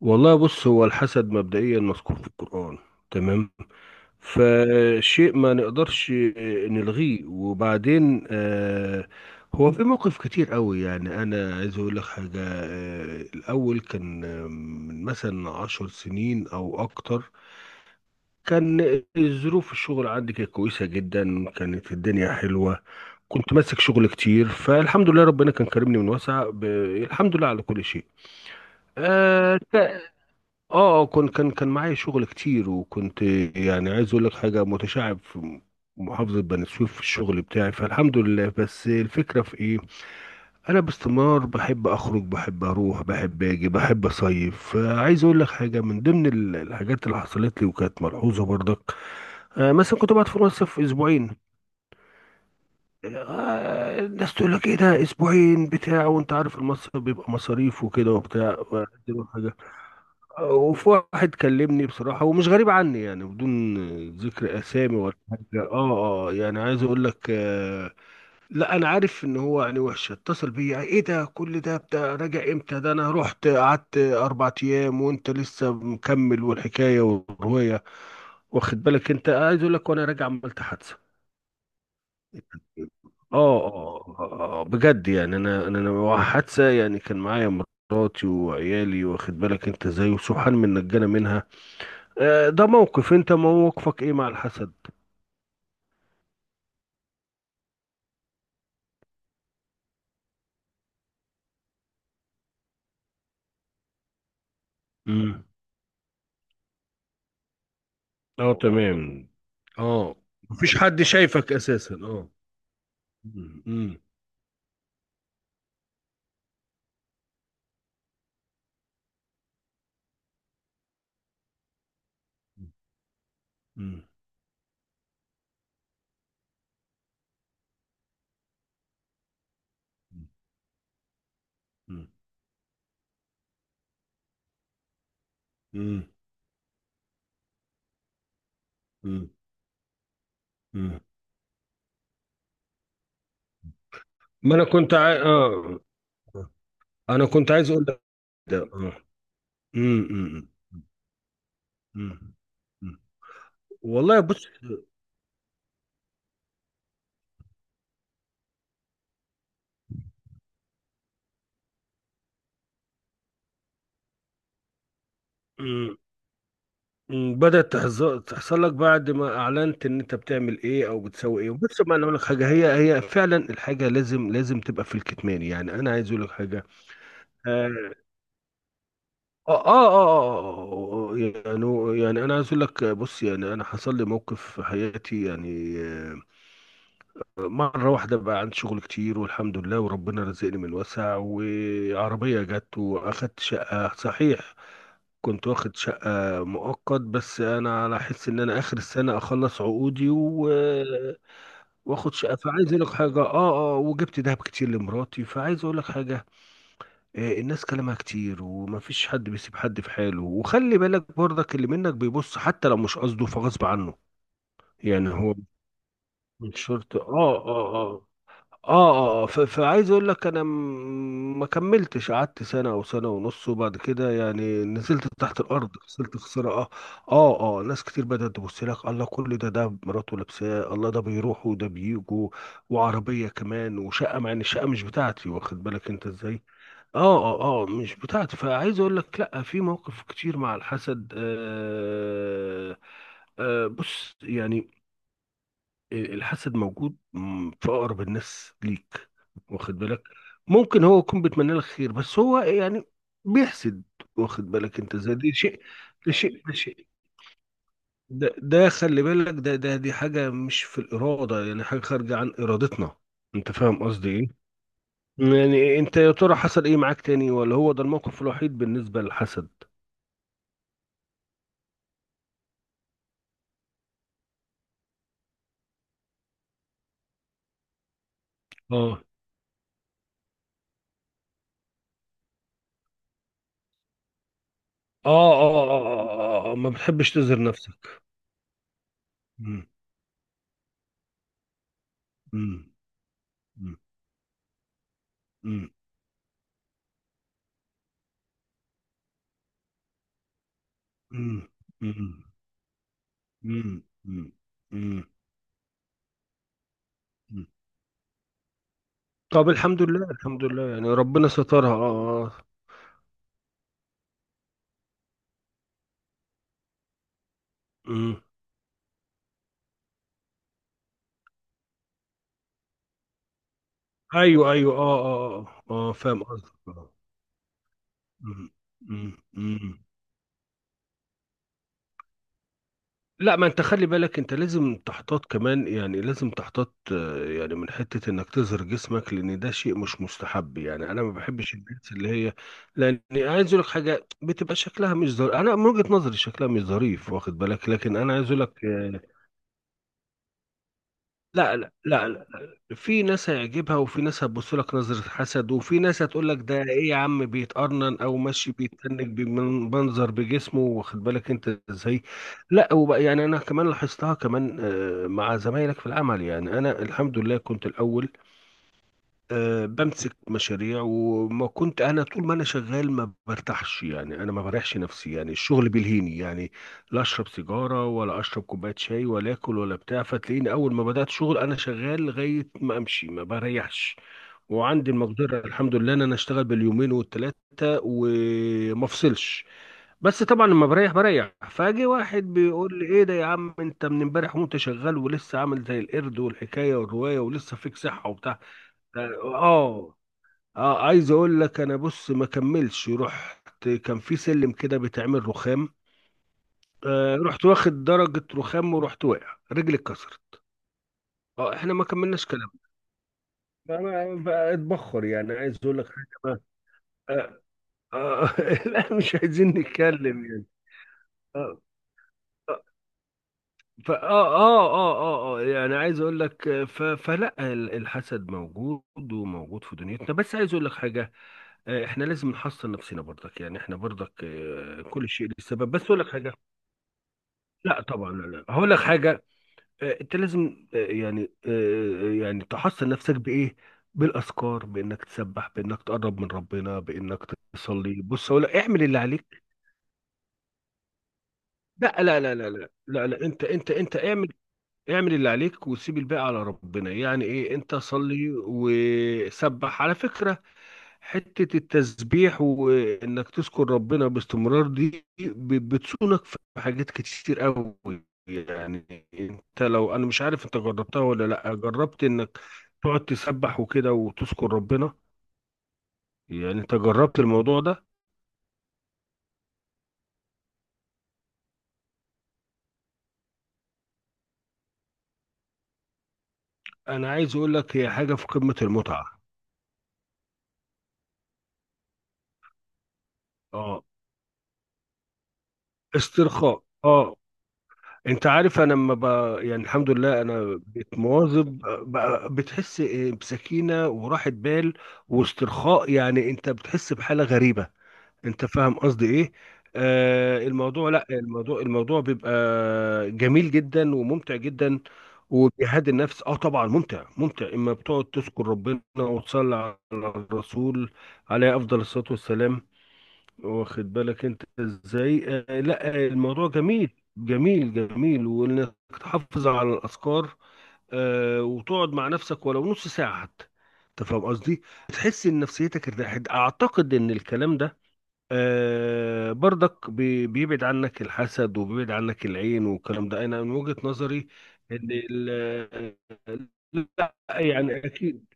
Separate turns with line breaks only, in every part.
والله بص، هو الحسد مبدئيا مذكور في القرآن تمام. فشيء ما نقدرش نلغيه وبعدين، هو في موقف كتير قوي، يعني انا عايز اقول لك حاجة. الاول كان من مثلا 10 سنين او اكتر، كان ظروف الشغل عندي كانت كويسة جدا، كانت الدنيا حلوة. كنت ماسك شغل كتير، فالحمد لله ربنا كان كرمني من واسع الحمد لله على كل شيء. آه كان معايا شغل كتير وكنت، يعني عايز اقول لك حاجه، متشعب في محافظه بني سويف في الشغل بتاعي، فالحمد لله. بس الفكره في ايه؟ انا باستمرار بحب اخرج، بحب اروح، بحب اجي، بحب اصيف. فعايز اقول لك حاجه من ضمن الحاجات اللي حصلت لي وكانت ملحوظه برضك. مثلا كنت بقعد في مصيف اسبوعين. الناس تقول لك ايه ده، اسبوعين بتاع؟ وانت عارف المصيف بيبقى مصاريف وكده وبتاع، وعايز أقول لك حاجة، وفي واحد كلمني بصراحة ومش غريب عني يعني، بدون ذكر أسامي ولا حاجة. يعني عايز أقول لك، لا، أنا عارف إن هو يعني وحش. اتصل بيا: إيه ده، كل ده بتاع، راجع إمتى ده؟ أنا رحت قعدت 4 أيام وأنت لسه مكمل، والحكاية والرواية. واخد بالك؟ أنت عايز أقول لك، وأنا راجع عملت حادثة. بجد يعني، انا انا أنا حادثه يعني، كان معايا مراتي وعيالي. واخد بالك انت ازاي، وسبحان من نجانا منها. ده موقف. انت موقفك ايه مع الحسد؟ امم. اه، تمام. اه، مفيش حد شايفك اساسا، اه. مم. مم. مم. مم. مم. مم. مم. ما انا كنت اه. انا كنت عايز اقول لك، ده اه. مم. مم. مم. مم. والله بص. مم. مم. بدأت تحصل لك بعد ما اعلنت ان انت بتعمل ايه او بتسوي ايه. بص، ما انا اقول لك حاجه، هي فعلا الحاجه لازم لازم تبقى في الكتمان، يعني انا عايز اقول لك حاجه. آه يعني أنا عايز أقول لك، بص، يعني أنا حصل لي موقف في حياتي يعني. مرة واحدة بقى عندي شغل كتير والحمد لله، وربنا رزقني من وسع، وعربية جت، وأخدت شقة صحيح. كنت واخد شقة مؤقت، بس أنا على حس إن أنا آخر السنة أخلص عقودي و آه، واخد شقة. فعايز أقول لك حاجة، وجبت دهب كتير لمراتي. فعايز أقول لك حاجة، الناس كلامها كتير، ومفيش حد بيسيب حد في حاله. وخلي بالك برضك، اللي منك بيبص حتى لو مش قصده، فغصب عنه. يعني هو مش شرط. فعايز اقول لك انا، ما كملتش، قعدت سنه او سنه ونص، وبعد كده يعني نزلت تحت الارض، خسرت خساره. اه اه ناس كتير بدات تبص لك: الله، كل ده مراته لابساه! الله، ده بيروح وده بيجوا وعربيه كمان وشقه، مع ان الشقه مش بتاعتي. واخد بالك انت ازاي؟ اه مش بتاعته. فعايز اقول لك، لا، في مواقف كتير مع الحسد. بص يعني، الحسد موجود، في اقرب الناس ليك. واخد بالك؟ ممكن هو يكون بيتمنى لك خير، بس هو يعني بيحسد. واخد بالك انت، زي دي شيء. ده شيء، ده شيء، ده خلي بالك، ده دي حاجة مش في الإرادة، يعني حاجة خارجة عن إرادتنا. انت فاهم قصدي ايه؟ يعني انت يا ترى حصل ايه معاك تاني؟ ولا هو ده الموقف الوحيد بالنسبة للحسد؟ اه اه اه اه اه ما بتحبش تظهر نفسك. مم. مم. مم. مم. مم. مم. مم. مم. مم. مم. طب الحمد لله، الحمد لله، يعني ربنا سترها، اه. اه اه. مم. ايوه ايوه. فاهم قصدك. مم. مم. مم. لا، ما انت خلي بالك انت لازم تحتاط كمان، يعني لازم تحتاط، يعني من حتة انك تظهر جسمك، لان ده شيء مش مستحب. يعني انا ما بحبش الناس اللي هي، لان عايز اقول لك حاجة، بتبقى شكلها مش ظريف، انا من وجهة نظري شكلها مش ظريف. واخد بالك؟ لكن انا عايز اقول لك، لا لا لا لا لا. في ناس هيعجبها، وفي ناس هتبص لك نظرة حسد، وفي ناس هتقول لك ده ايه يا عم، بيتقرنن، او ماشي بيتنك بمنظر بجسمه. واخد بالك انت ازاي؟ لا، وبقى يعني انا كمان لاحظتها كمان، مع زمايلك في العمل. يعني انا الحمد لله كنت الاول بمسك مشاريع، وما كنت انا طول ما انا شغال ما برتاحش. يعني انا ما بريحش نفسي، يعني الشغل بيلهيني يعني، لا اشرب سيجاره ولا اشرب كوبايه شاي ولا اكل ولا بتاع. فتلاقيني اول ما بدات شغل، انا شغال لغايه ما امشي، ما بريحش. وعندي المقدره الحمد لله ان انا اشتغل باليومين والتلاته وما افصلش. بس طبعا لما بريح بريح. فاجي واحد بيقول لي: ايه ده يا عم، انت من امبارح وانت شغال ولسه عامل زي القرد، والحكايه والروايه، ولسه فيك صحه وبتاع. اه اه عايز اقول لك انا، بص، ما كملش، رحت كان في سلم كده بيتعمل رخام. رحت واخد درجة رخام، ورحت واقع، رجلي اتكسرت. اه، احنا ما كملناش كلام. فأنا بقى اتبخر. يعني عايز اقول لك حاجة بقى، آه آه لا، مش عايزين نتكلم يعني. اه اه فآه اه اه اه آه، آه، يعني عايز اقول لك، الحسد موجود وموجود في دنيتنا، بس عايز اقول لك حاجة. احنا لازم نحصن نفسنا برضك، يعني احنا برضك، كل شيء له سبب، بس اقول لك حاجه، لا طبعا، لا لا، هقول لك حاجه. انت لازم، يعني تحصن نفسك بايه؟ بالاذكار، بانك تسبح، بانك تقرب من ربنا، بانك تصلي. بص اقول لك، اعمل اللي عليك. لا لا لا لا لا لا لا، انت اعمل. اعمل اللي عليك وسيب الباقي على ربنا. يعني ايه، انت صلي وسبح. على فكره، حتة التسبيح وإنك تذكر ربنا باستمرار دي بتصونك في حاجات كتير قوي. يعني أنت، لو أنا مش عارف أنت جربتها ولا لأ، جربت إنك تقعد تسبح وكده وتذكر ربنا؟ يعني أنت جربت الموضوع ده؟ أنا عايز أقول لك هي حاجة في قمة المتعة. أه استرخاء. انت عارف، انا لما يعني الحمد لله انا بقيت مواظب، بقى بتحس بسكينه وراحه بال واسترخاء. يعني انت بتحس بحاله غريبه. انت فاهم قصدي ايه؟ الموضوع لا الموضوع الموضوع بيبقى جميل جدا وممتع جدا وبيهدي النفس. اه، طبعا، ممتع ممتع اما بتقعد تذكر ربنا وتصلي على الرسول عليه افضل الصلاه والسلام. واخد بالك انت ازاي؟ آه لا آه، الموضوع جميل، جميل جميل، وانك تحافظ على الاذكار. وتقعد مع نفسك ولو نص ساعه حتى. انت فاهم قصدي؟ تحس ان نفسيتك ارتاحت. اعتقد ان الكلام ده برضك بيبعد عنك الحسد وبيبعد عنك العين، والكلام ده انا من وجهة نظري. ان ال- لا، يعني اكيد.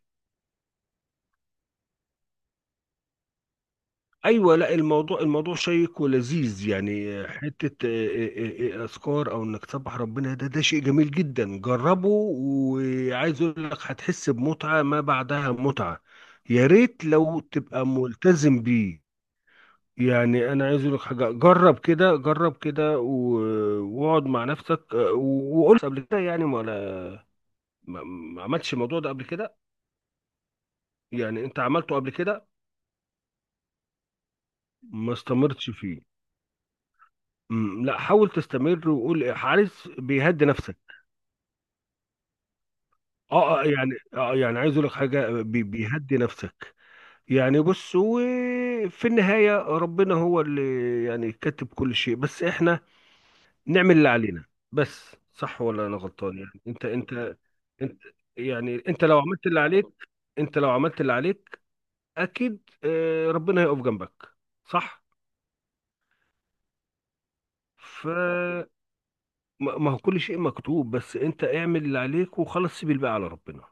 ايوه، لا، الموضوع شيق ولذيذ، يعني حته، اذكار او انك تسبح ربنا، ده شيء جميل جدا. جربه، وعايز اقول لك هتحس بمتعه ما بعدها متعه. يا ريت لو تبقى ملتزم بيه. يعني انا عايز اقول لك حاجه، جرب كده، جرب كده، واقعد مع نفسك. وقلت قبل كده يعني، ولا ما عملتش الموضوع ده قبل كده؟ يعني انت عملته قبل كده؟ ما استمرتش فيه. مم، لا، حاول تستمر، وقول حارس بيهدي نفسك. يعني عايز اقول لك حاجه، بيهدي نفسك. يعني بص، وفي النهايه ربنا هو اللي يعني كاتب كل شيء، بس احنا نعمل اللي علينا. بس صح ولا انا غلطان؟ يعني انت، يعني انت لو عملت اللي عليك، انت لو عملت اللي عليك، اكيد ربنا هيقف جنبك. صح. ف ما هو كل شيء مكتوب، بس انت اعمل اللي عليك وخلاص، سيب الباقي على ربنا.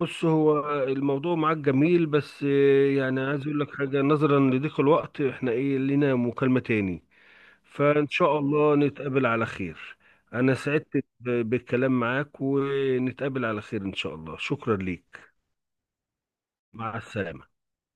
بص، هو الموضوع معاك جميل، بس يعني عايز اقول لك حاجة، نظرا لضيق الوقت احنا، ايه، لينا مكالمة تاني، فان شاء الله نتقابل على خير. انا سعدت بالكلام معاك، ونتقابل على خير ان شاء الله. شكرا ليك. مع السلامة.